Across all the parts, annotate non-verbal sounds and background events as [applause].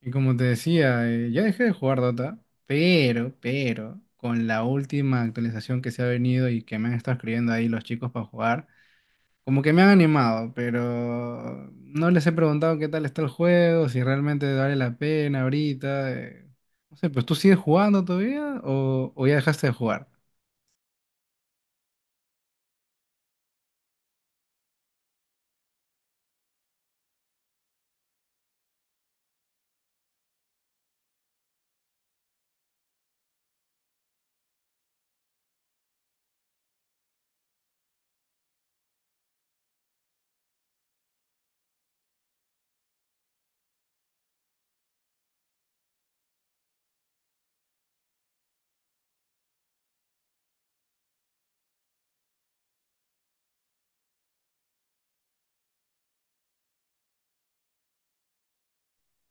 Y como te decía, ya dejé de jugar Dota, pero con la última actualización que se ha venido y que me han estado escribiendo ahí los chicos para jugar, como que me han animado, pero no les he preguntado qué tal está el juego, si realmente vale la pena ahorita. No sé, pues tú sigues jugando todavía o ya dejaste de jugar.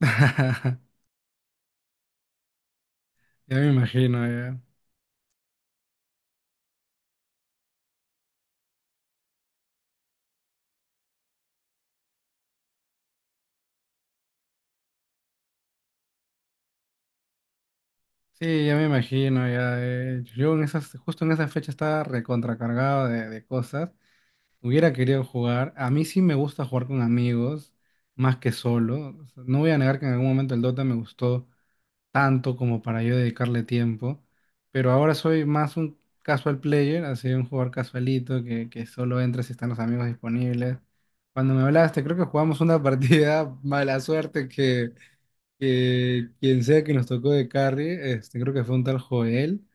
[laughs] Ya me imagino, ya. Sí, ya me imagino, ya. Yo en esas, justo en esa fecha estaba recontracargado de cosas. Hubiera querido jugar. A mí sí me gusta jugar con amigos, más que solo. O sea, no voy a negar que en algún momento el Dota me gustó tanto como para yo dedicarle tiempo, pero ahora soy más un casual player, así un jugador casualito que solo entra si están los amigos disponibles. Cuando me hablaste, creo que jugamos una partida [laughs] mala suerte que quien sea que nos tocó de carry, este, creo que fue un tal Joel.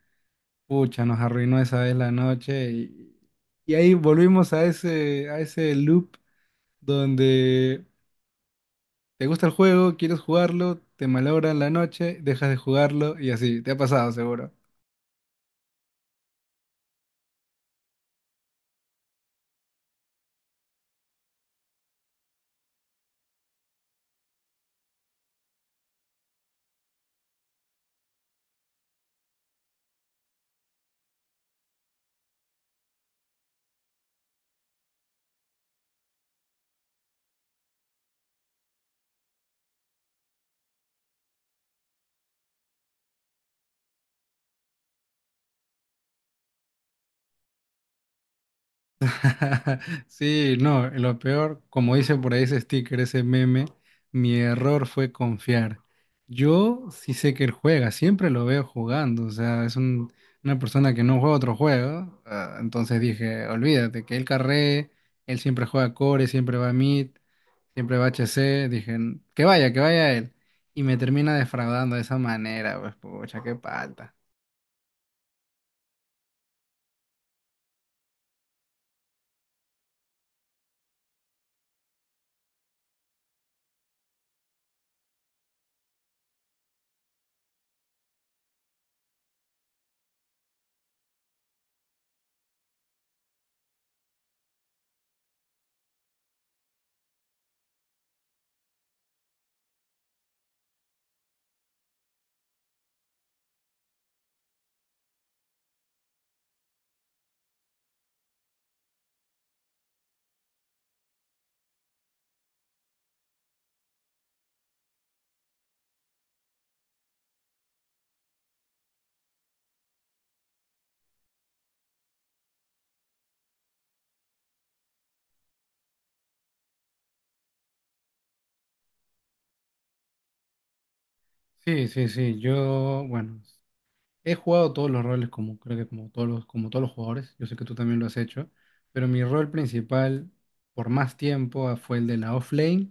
Pucha, nos arruinó esa vez la noche y ahí volvimos a a ese loop donde te gusta el juego, quieres jugarlo, te malogran la noche, dejas de jugarlo y así, te ha pasado seguro. [laughs] Sí, no, lo peor, como dice por ahí ese sticker, ese meme, mi error fue confiar. Yo sí sé que él juega, siempre lo veo jugando, o sea, una persona que no juega otro juego, ah, entonces dije, olvídate, que él carree, él siempre juega core, siempre va a mid, siempre va a HC, dije, que vaya él. Y me termina defraudando de esa manera, pues pucha, qué palta. Sí, sí, sí, yo, bueno. He jugado todos los roles, como creo que como todos los jugadores. Yo sé que tú también lo has hecho, pero mi rol principal por más tiempo fue el de la offlane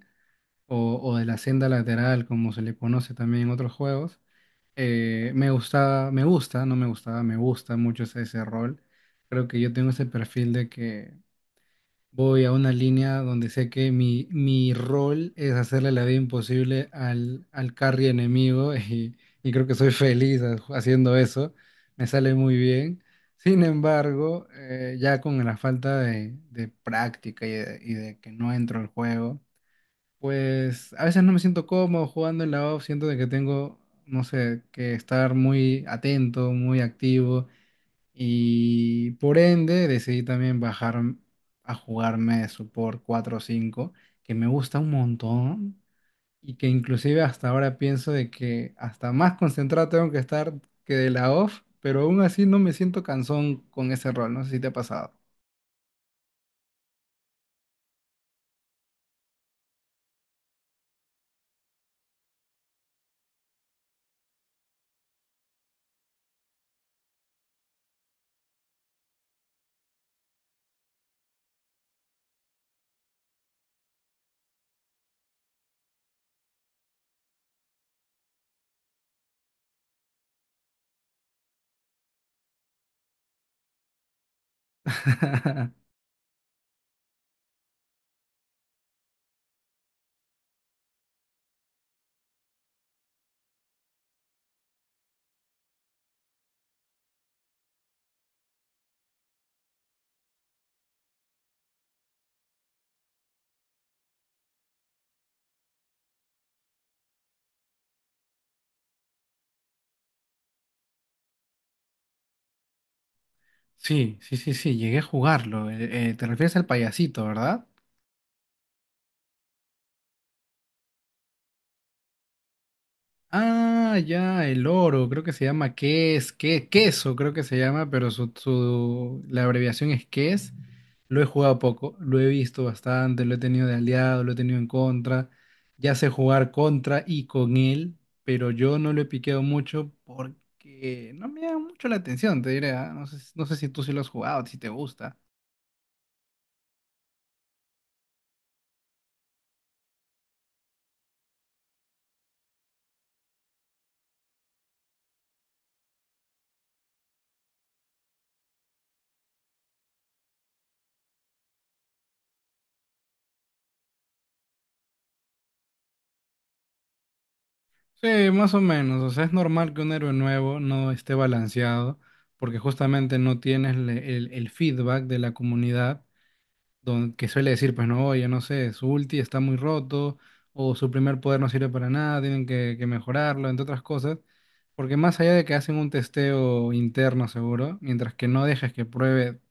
o de la senda lateral, como se le conoce también en otros juegos. Me gusta, no me gustaba, me gusta mucho ese rol. Creo que yo tengo ese perfil de que voy a una línea donde sé que mi rol es hacerle la vida imposible al carry enemigo [laughs] y creo que soy feliz haciendo eso. Me sale muy bien. Sin embargo, ya con la falta de práctica y de que no entro al juego, pues a veces no me siento cómodo jugando en la off. Siento de que tengo, no sé, que estar muy atento, muy activo y por ende decidí también bajar a jugarme Support 4 o 5 que me gusta un montón y que inclusive hasta ahora pienso de que hasta más concentrado tengo que estar que de la off, pero aún así no me siento cansón con ese rol, no sé si te ha pasado. [laughs] Sí, sí, sí, sí, llegué a jugarlo. Te refieres al payasito, ¿verdad? Ah, ya, el oro, creo que se llama ques, que, queso, creo que se llama, pero la abreviación es ques. Lo he jugado poco, lo he visto bastante, lo he tenido de aliado, lo he tenido en contra. Ya sé jugar contra y con él, pero yo no lo he piqueado mucho porque no me da mucho la atención, te diré. No sé, no sé si tú sí lo has jugado, si te gusta. Sí, más o menos. O sea, es normal que un héroe nuevo no esté balanceado porque justamente no tienes el feedback de la comunidad que suele decir, pues no, oye, no sé, su ulti está muy roto o su primer poder no sirve para nada, tienen que mejorarlo, entre otras cosas. Porque más allá de que hacen un testeo interno seguro, mientras que no dejes que pruebe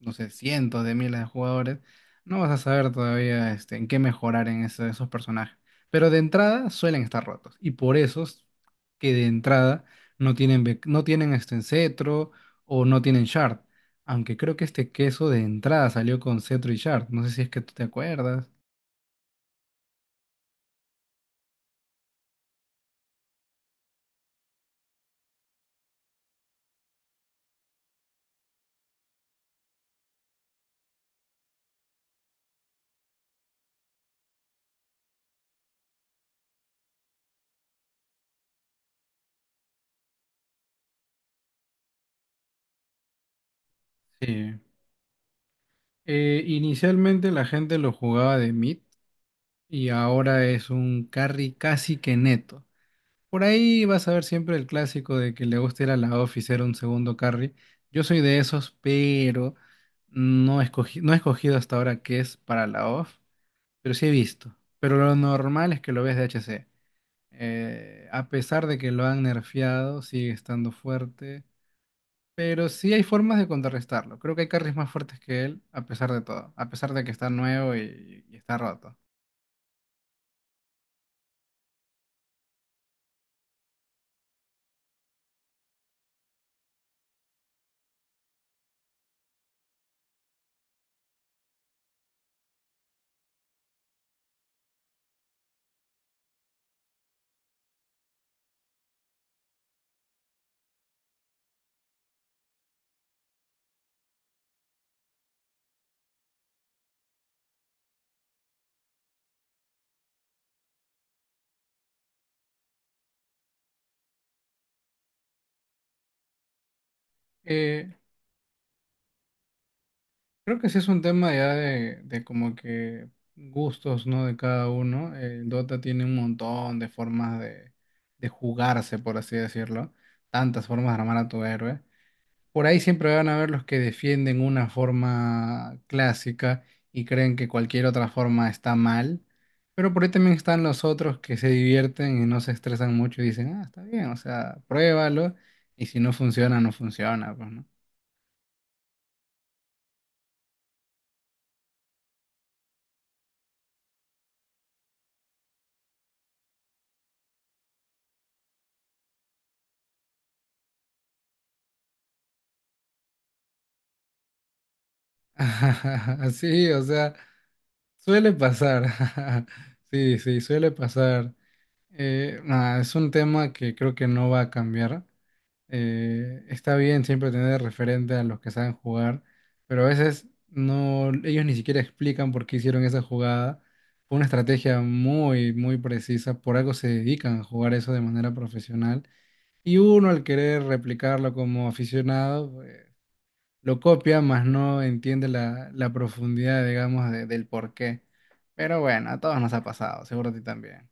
no sé, cientos de miles de jugadores, no vas a saber todavía este, en qué mejorar en esos personajes. Pero de entrada suelen estar rotos. Y por eso es que de entrada no tienen, no tienen este cetro o no tienen shard. Aunque creo que este queso de entrada salió con cetro y shard. No sé si es que tú te acuerdas. Sí. Inicialmente la gente lo jugaba de mid y ahora es un carry casi que neto. Por ahí vas a ver siempre el clásico de que le gusta ir a la off y ser un segundo carry. Yo soy de esos, pero no escogí, no he escogido hasta ahora qué es para la off, pero sí he visto. Pero lo normal es que lo veas de HC. A pesar de que lo han nerfeado, sigue estando fuerte. Pero sí hay formas de contrarrestarlo. Creo que hay carries más fuertes que él, a pesar de todo. A pesar de que está nuevo y está roto. Eh, Creo que sí es un tema ya de como que gustos, ¿no? De cada uno. El Dota tiene un montón de formas de jugarse, por así decirlo. Tantas formas de armar a tu héroe. Por ahí siempre van a haber los que defienden una forma clásica y creen que cualquier otra forma está mal. Pero por ahí también están los otros que se divierten y no se estresan mucho y dicen, ah, está bien, o sea, pruébalo. Y si no funciona, no funciona, pues, ¿no? [laughs] Sí, o sea. Suele pasar, [laughs] sí, sí, suele pasar. Nada, es un tema que creo que no va a cambiar. Está bien siempre tener referente a los que saben jugar, pero a veces no, ellos ni siquiera explican por qué hicieron esa jugada. Fue una estrategia muy precisa, por algo se dedican a jugar eso de manera profesional. Y uno al querer replicarlo como aficionado, lo copia, más no entiende la profundidad, digamos, del porqué. Pero bueno, a todos nos ha pasado, seguro a ti también.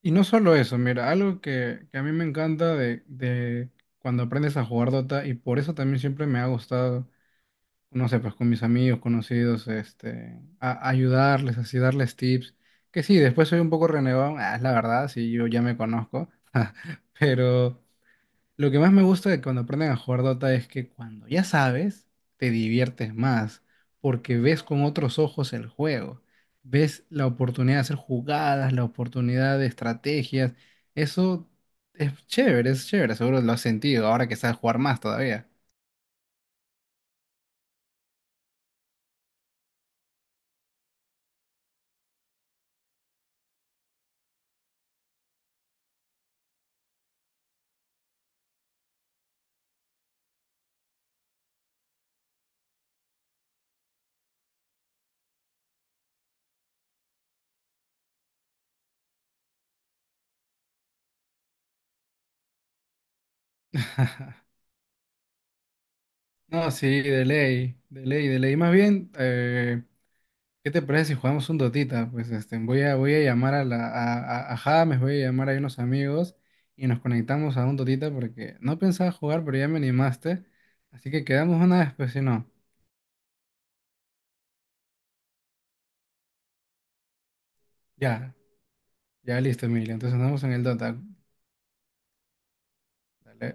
Y no solo eso, mira, algo que a mí me encanta de cuando aprendes a jugar Dota, y por eso también siempre me ha gustado, no sé, pues con mis amigos, conocidos, este, ayudarles, así darles tips. Que sí, después soy un poco renegón, ah, es la verdad, sí, yo ya me conozco, [laughs] pero... Lo que más me gusta de cuando aprenden a jugar Dota es que cuando ya sabes, te diviertes más, porque ves con otros ojos el juego, ves la oportunidad de hacer jugadas, la oportunidad de estrategias. Eso es chévere, seguro lo has sentido ahora que sabes jugar más todavía. [laughs] No, sí, de ley, de ley, de ley. Más bien, ¿qué te parece si jugamos un Dotita? Pues este, voy a llamar a la, a James, voy a llamar a unos amigos y nos conectamos a un Dotita porque no pensaba jugar, pero ya me animaste. Así que quedamos una vez, pues si no. Ya, ya listo, Emilio. Entonces andamos en el Dota. Dale.